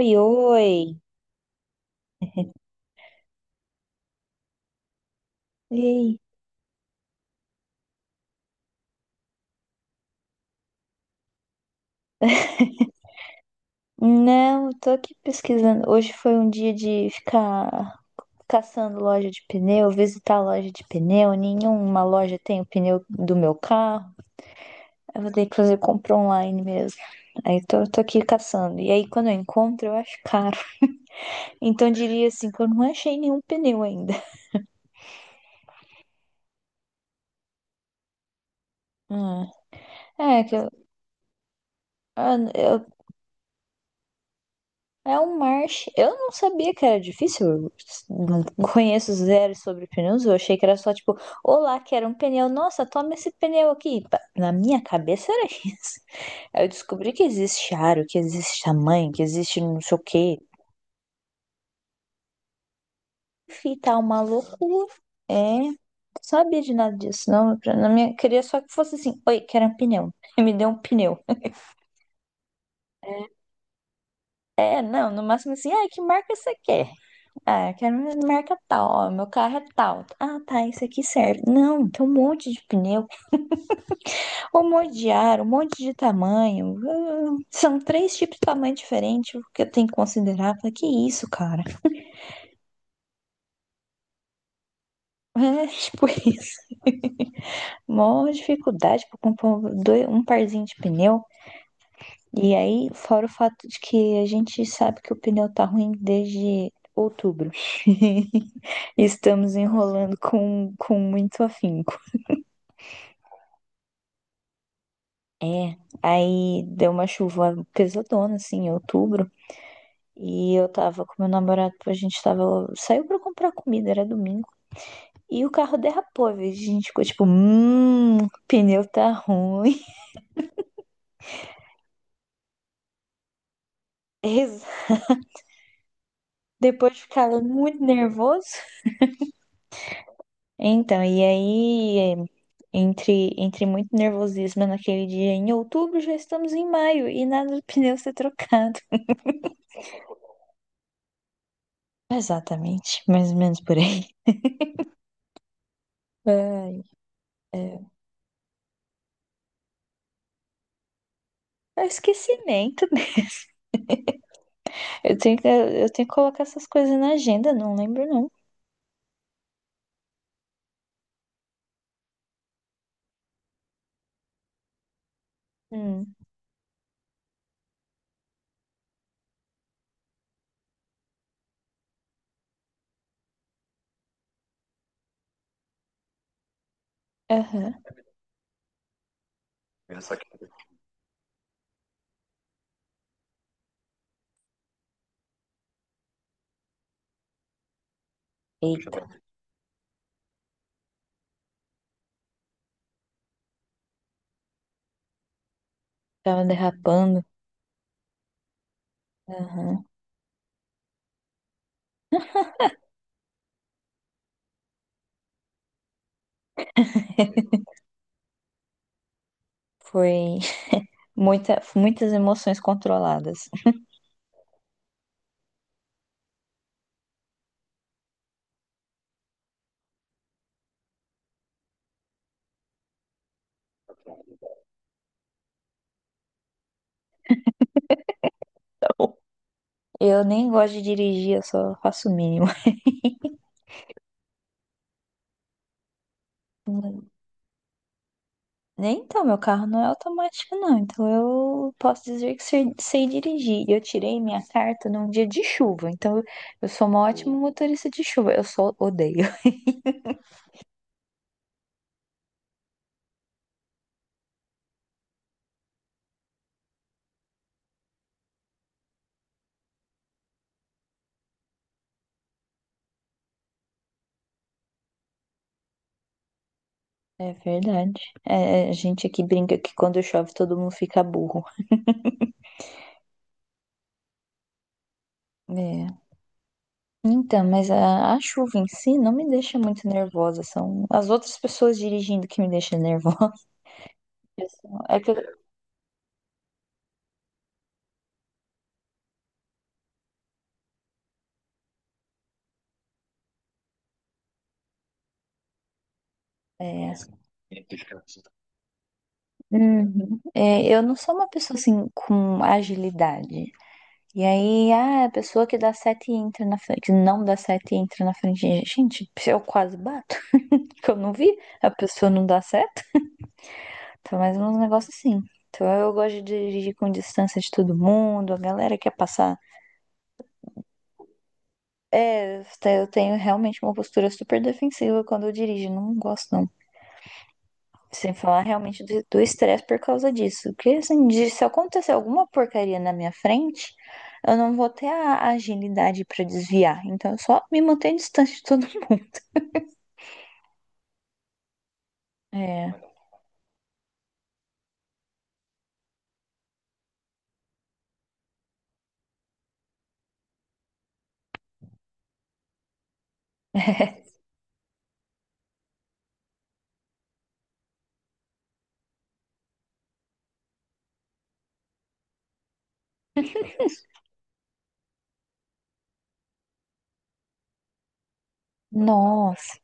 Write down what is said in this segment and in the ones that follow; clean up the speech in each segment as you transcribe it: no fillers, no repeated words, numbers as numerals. Oi, oi. Ei. Não, eu tô aqui pesquisando. Hoje foi um dia de ficar caçando loja de pneu, visitar loja de pneu. Nenhuma loja tem o pneu do meu carro. Eu vou ter que fazer compra online mesmo. Aí tô aqui caçando. E aí, quando eu encontro, eu acho caro. Então, eu diria assim, que eu não achei nenhum pneu ainda. Hum. É, que eu, ah, eu É um marche. Eu não sabia que era difícil. Eu não conheço zero sobre pneus. Eu achei que era só tipo, olá, quero um pneu. Nossa, toma esse pneu aqui. Na minha cabeça era isso. Aí eu descobri que existe aro, que existe tamanho, que existe não sei o quê. Enfim, tá uma loucura. É, não sabia de nada disso. Não, na minha, queria só que fosse assim, oi, quero um pneu. Me deu um pneu. É, não, no máximo assim, ai, que marca você quer? Ah, eu quero uma marca tal, ó, meu carro é tal. Ah, tá, isso aqui serve. Não, tem um monte de pneu, um monte de ar, um monte de tamanho. Ah, são três tipos de tamanho diferente que eu tenho que considerar. Falei, que isso, cara? É, tipo isso. Mó dificuldade pra comprar um parzinho de pneu. E aí, fora o fato de que a gente sabe que o pneu tá ruim desde outubro. Estamos enrolando com muito afinco. É, aí deu uma chuva pesadona, assim, em outubro. E eu tava com meu namorado, saiu pra comprar comida, era domingo. E o carro derrapou, a gente ficou tipo, o pneu tá ruim. Exa- Depois de ficar muito nervoso. Então, e aí, entre muito nervosismo naquele dia, em outubro já estamos em maio e nada do pneu ser trocado. Exatamente, mais ou menos por aí. Ai, é, é esquecimento. Eu tenho que colocar essas coisas na agenda, não lembro não. Hum, aham. Eita, tava derrapando. Aham. Foi muitas emoções controladas. Eu nem gosto de dirigir, eu só faço o mínimo. Nem então, meu carro não é automático, não. Então eu posso dizer que sei dirigir. E eu tirei minha carta num dia de chuva. Eu sou uma ótima motorista de chuva. Eu só odeio. É verdade. É, a gente aqui brinca que quando chove todo mundo fica burro. É. Então, mas a chuva em si não me deixa muito nervosa. São as outras pessoas dirigindo que me deixam nervosa. Eu sou- É que eu, é, Uhum. É, eu não sou uma pessoa assim com agilidade. E aí, ah, a pessoa que dá sete e entra na frente, que não dá sete e entra na frente. Gente, se eu quase bato, que eu não vi, a pessoa não dá seta. Então, mais uns negócios assim. Então, eu gosto de dirigir com distância de todo mundo, a galera quer passar. É, eu tenho realmente uma postura super defensiva quando eu dirijo, não gosto não. Sem falar realmente do estresse por causa disso. Porque assim, se acontecer alguma porcaria na minha frente, eu não vou ter a agilidade pra desviar. Então eu só me mantenho distante de todo mundo. É. Nossa,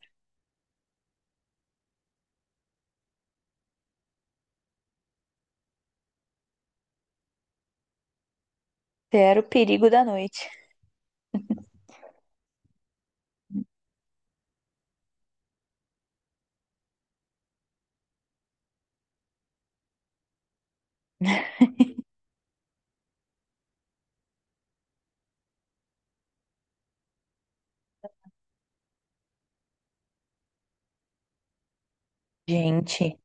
esse era o perigo da noite. Gente.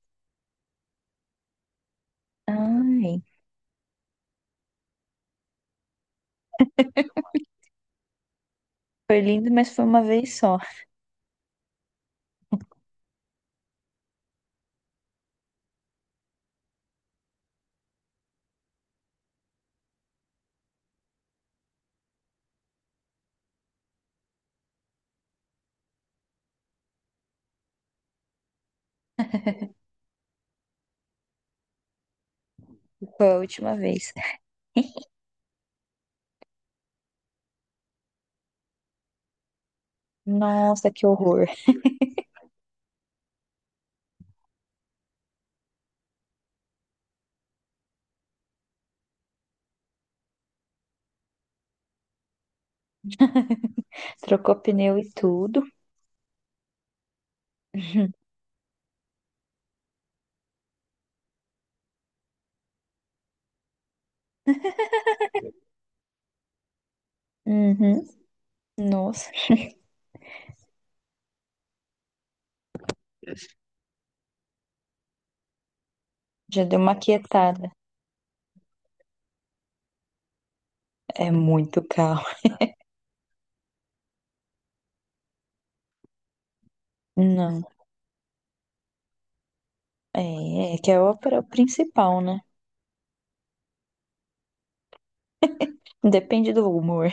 Ai. Foi lindo, mas foi uma vez só. Foi a última vez. Nossa, que horror. Trocou pneu e tudo. Uhum. Uhum. Nossa. Já deu uma quietada. É muito carro. Não, é, é que é o principal, né? Depende do humor.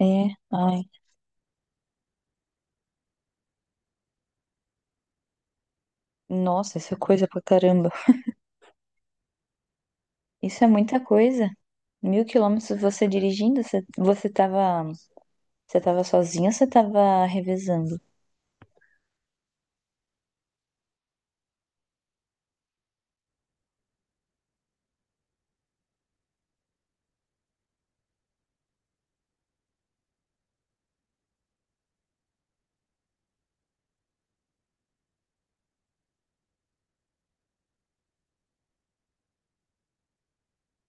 É, ai. Nossa, isso é coisa pra caramba. Isso é muita coisa. 1000 quilômetros você dirigindo, você tava sozinho ou você tava revezando?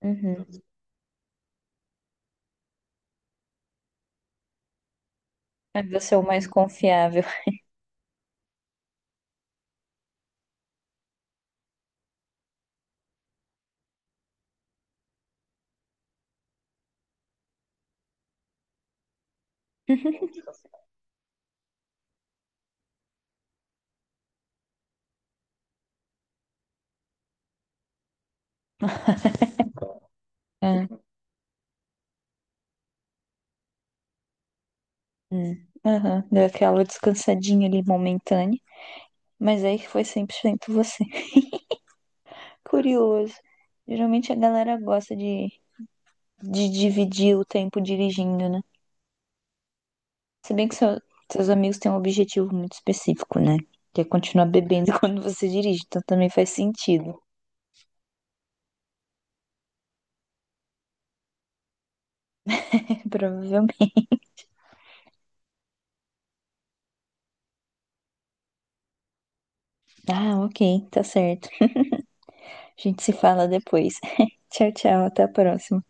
Uhum. Aí você é o mais confiável. É. Aham, deu aquela descansadinha ali momentânea, mas aí foi 100% você. Curioso. Geralmente a galera gosta de dividir o tempo dirigindo, né? Se bem que seus amigos têm um objetivo muito específico, né? Que é continuar bebendo quando você dirige, então também faz sentido. Provavelmente. Ah, ok, tá certo. A gente se fala depois. Tchau, tchau, até a próxima.